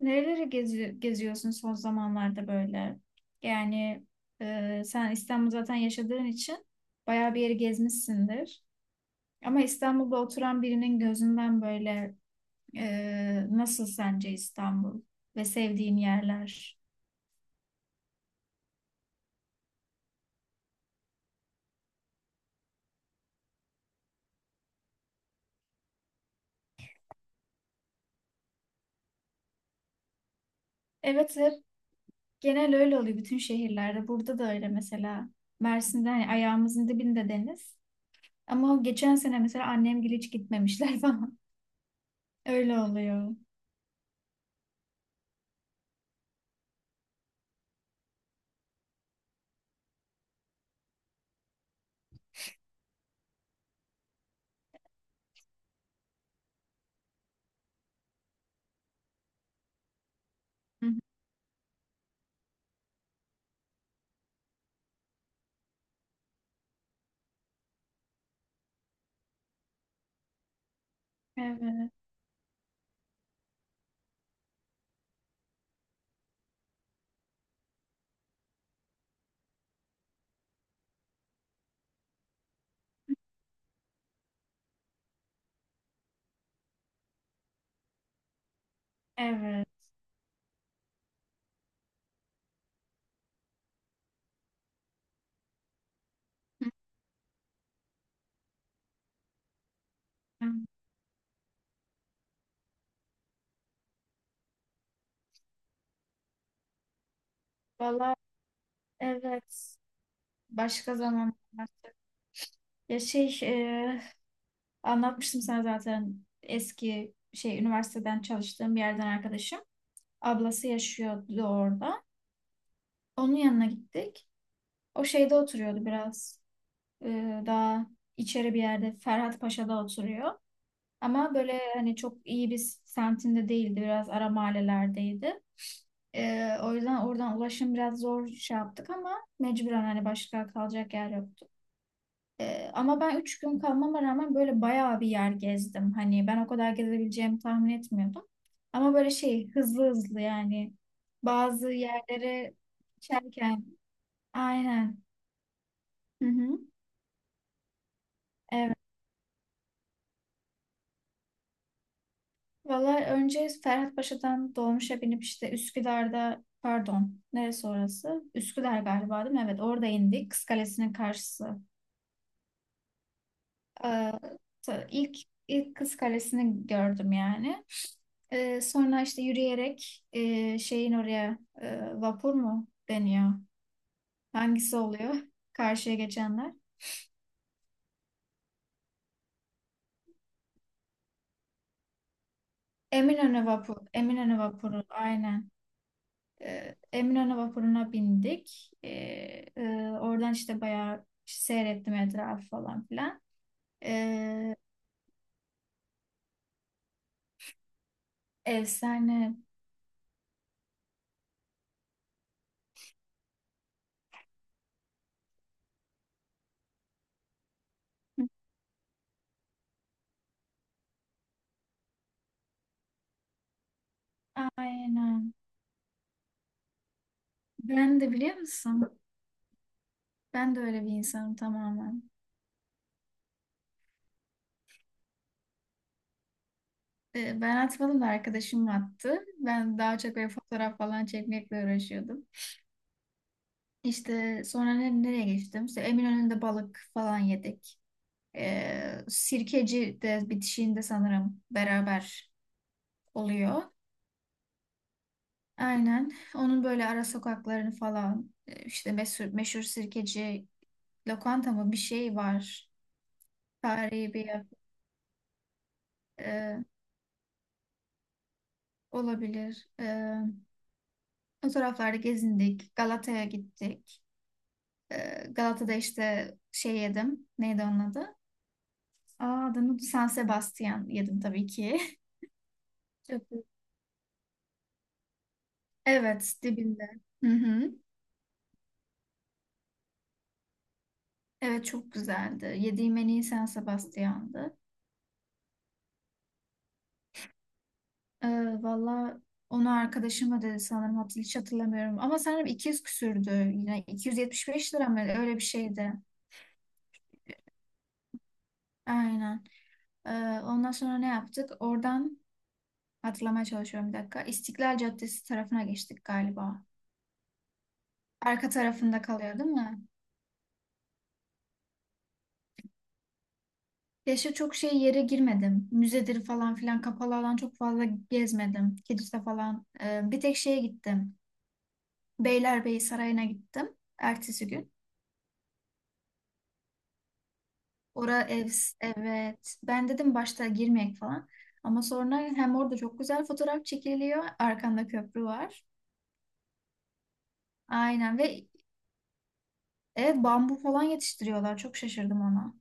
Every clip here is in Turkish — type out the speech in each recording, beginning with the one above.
Nereleri geziyorsun son zamanlarda böyle? Yani sen İstanbul zaten yaşadığın için bayağı bir yeri gezmişsindir. Ama İstanbul'da oturan birinin gözünden böyle nasıl sence İstanbul ve sevdiğin yerler? Evet, hep genel öyle oluyor bütün şehirlerde. Burada da öyle mesela. Mersin'de hani ayağımızın dibinde deniz. Ama o geçen sene mesela annemgil hiç gitmemişler falan. Öyle oluyor. Hı hı. Evet, evet. Hı hı. Valla evet. Başka zaman anlatacağım. Ya anlatmıştım sana zaten eski üniversiteden çalıştığım bir yerden arkadaşım. Ablası yaşıyordu orada. Onun yanına gittik. O şeyde oturuyordu biraz. Daha içeri bir yerde Ferhat Paşa'da oturuyor. Ama böyle hani çok iyi bir semtinde değildi. Biraz ara mahallelerdeydi. O yüzden oradan ulaşım biraz zor şey yaptık ama mecburen hani başka kalacak yer yoktu. Ama ben üç gün kalmama rağmen böyle bayağı bir yer gezdim. Hani ben o kadar gezebileceğimi tahmin etmiyordum. Ama böyle şey hızlı hızlı yani bazı yerlere geçerken aynen. Hı hı. Evet. Valla önce Ferhatpaşa'dan dolmuşa binip işte Üsküdar'da pardon neresi orası? Üsküdar galiba değil mi? Evet orada indik. Kız Kalesi'nin karşısı. Ee, ta- ilk ilk Kız Kalesi'ni gördüm yani. Sonra işte yürüyerek şeyin oraya vapur mu deniyor? Hangisi oluyor? Karşıya geçenler. Eminönü vapuru aynen. Eminönü vapuruna bindik. Oradan işte bayağı işte seyrettim etrafı falan filan. Ee, Efsane. Aynen. Ben de biliyor musun? Ben de öyle bir insanım tamamen. Ben atmadım da arkadaşım attı. Ben daha çok böyle fotoğraf falan çekmekle uğraşıyordum. İşte sonra nereye geçtim? İşte Eminönü'nde balık falan yedik. Sirkeci de bitişiğinde sanırım beraber oluyor. Aynen. Onun böyle ara sokaklarını falan işte meşhur Sirkeci lokanta mı bir şey var. Tarihi bir yer e, olabilir. O taraflarda gezindik. Galata'ya gittik. Galata'da işte şey yedim. Neydi onun adı? Adını San Sebastian yedim tabii ki. Çok iyi. Evet, dibinde. Hı hı. Evet, çok güzeldi. Yediğim en iyi San Sebastian'dı. Ee, Valla onu arkadaşım ödedi sanırım. Hiç hatırlamıyorum. Ama sanırım 200 küsürdü. Yine 275 lira mı? Öyle bir şeydi. Aynen. Ee, Ondan sonra ne yaptık? Oradan hatırlamaya çalışıyorum bir dakika. İstiklal Caddesi tarafına geçtik galiba. Arka tarafında kalıyor, değil mi? Keşke çok şey yere girmedim. Müzedir falan filan kapalı alan çok fazla gezmedim. Kilise falan. Bir tek şeye gittim. Beylerbeyi Sarayı'na gittim. Ertesi gün. Ora ev, evet. Ben dedim başta girmeyek falan. Ama sonra hem orada çok güzel fotoğraf çekiliyor. Arkanda köprü var. Aynen ve evet bambu falan yetiştiriyorlar. Çok şaşırdım ona.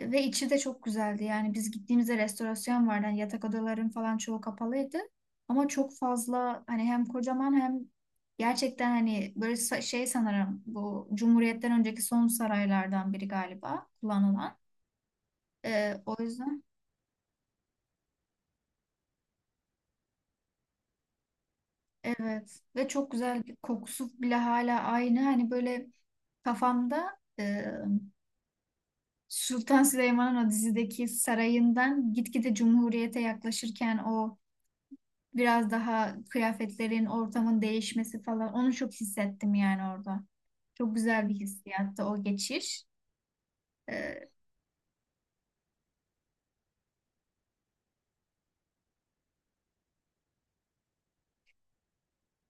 Ve içi de çok güzeldi. Yani biz gittiğimizde restorasyon vardı. Yani yatak odaların falan çoğu kapalıydı. Ama çok fazla hani hem kocaman hem gerçekten hani böyle şey sanırım bu Cumhuriyet'ten önceki son saraylardan biri galiba kullanılan. O yüzden evet ve çok güzel bir kokusu bile hala aynı. Hani böyle kafamda Sultan Süleyman'ın o dizideki sarayından gitgide Cumhuriyet'e yaklaşırken o biraz daha kıyafetlerin, ortamın değişmesi falan. Onu çok hissettim yani orada. Çok güzel bir hissiyattı o geçiş. Ee,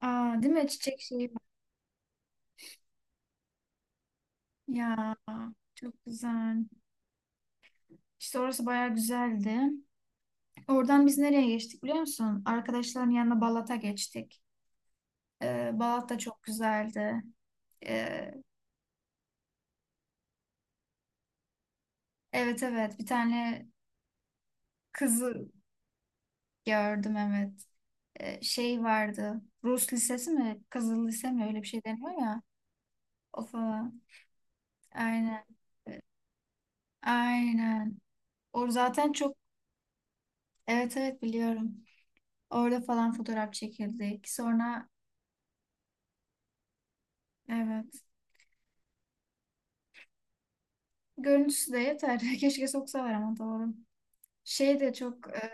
değil mi? Çiçek şeyi var. Ya çok güzel. İşte orası bayağı güzeldi. Oradan biz nereye geçtik biliyor musun? Arkadaşların yanına Balat'a geçtik. Balat da çok güzeldi. Ee, evet evet bir tane kızı gördüm evet. Şey vardı. Rus lisesi mi? Kızıl lise mi? Öyle bir şey deniyor ya. O falan. Aynen. Aynen. O zaten çok evet evet biliyorum. Orada falan fotoğraf çekildik. Sonra evet. Görüntüsü de yeter. Keşke soksalar ama doğru. Şey de çok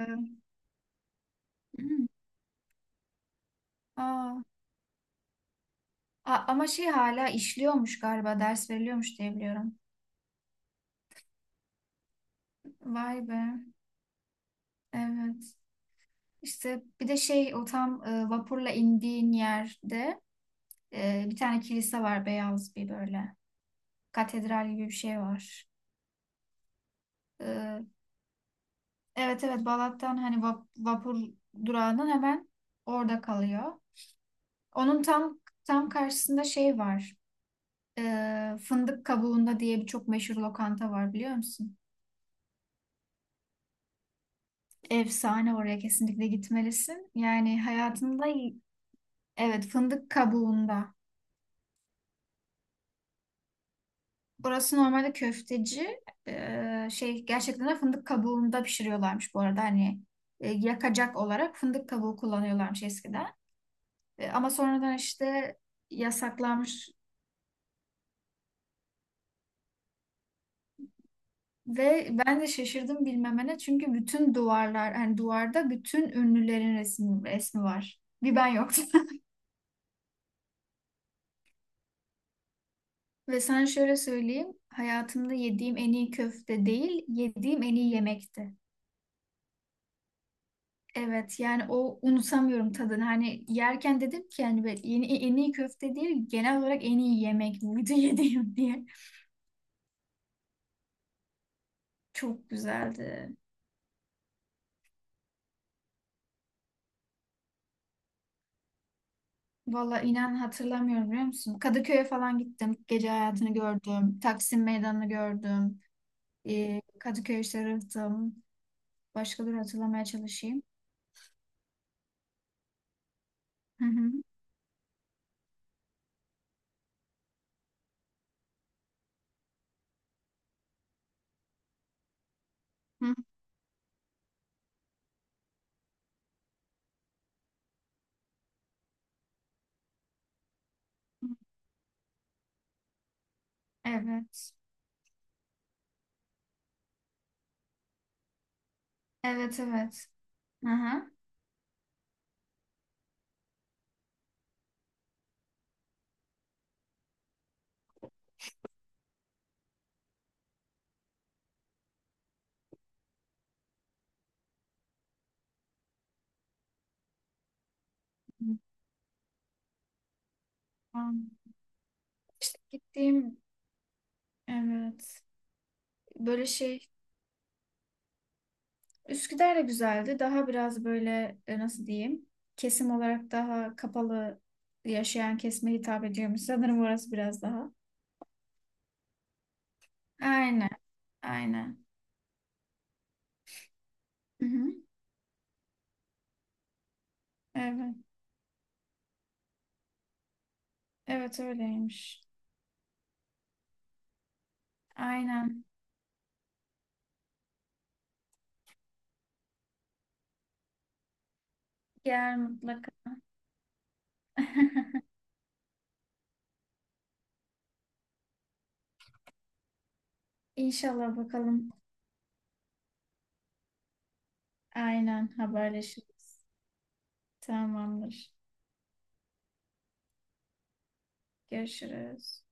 aa, ama şey hala işliyormuş galiba. Ders veriliyormuş diye biliyorum. Vay be. Evet. İşte bir de şey o tam vapurla indiğin yerde bir tane kilise var beyaz bir böyle. Katedral gibi bir şey var. E, Evet evet Balat'tan hani vapur durağının hemen orada kalıyor. Onun tam karşısında şey var. Fındık Kabuğunda diye bir çok meşhur lokanta var biliyor musun? Efsane oraya kesinlikle gitmelisin. Yani hayatında evet Fındık Kabuğunda. Burası normalde köfteci. Şey gerçekten de fındık kabuğunda pişiriyorlarmış bu arada. Hani yakacak olarak fındık kabuğu kullanıyorlarmış eskiden. Ama sonradan işte yasaklanmış. Ve ben de şaşırdım bilmemene çünkü bütün duvarlar hani duvarda bütün ünlülerin resmi var. Bir ben yoktum. Ve sana şöyle söyleyeyim hayatımda yediğim en iyi köfte değil yediğim en iyi yemekti. Evet yani o unutamıyorum tadını. Hani yerken dedim ki yani böyle yeni, en iyi köfte değil genel olarak en iyi yemek buydu yediğim diye. Çok güzeldi. Valla inan hatırlamıyorum biliyor musun? Kadıköy'e falan gittim. Gece hayatını gördüm. Taksim Meydanı'nı gördüm. Kadıköy Sarıhtım. Başkaları hatırlamaya çalışayım. Hı hı. Hı hı. Evet. Evet evet. Hı tamam. İşte gittiğim evet. Böyle şey Üsküdar da güzeldi. Daha biraz böyle nasıl diyeyim? Kesim olarak daha kapalı yaşayan kesime hitap ediyormuş. Sanırım orası biraz daha. Aynen. Aynen. Hı hı. Evet. Evet öyleymiş. Aynen. Gel mutlaka. İnşallah bakalım. Aynen haberleşiriz. Tamamdır. Görüşürüz.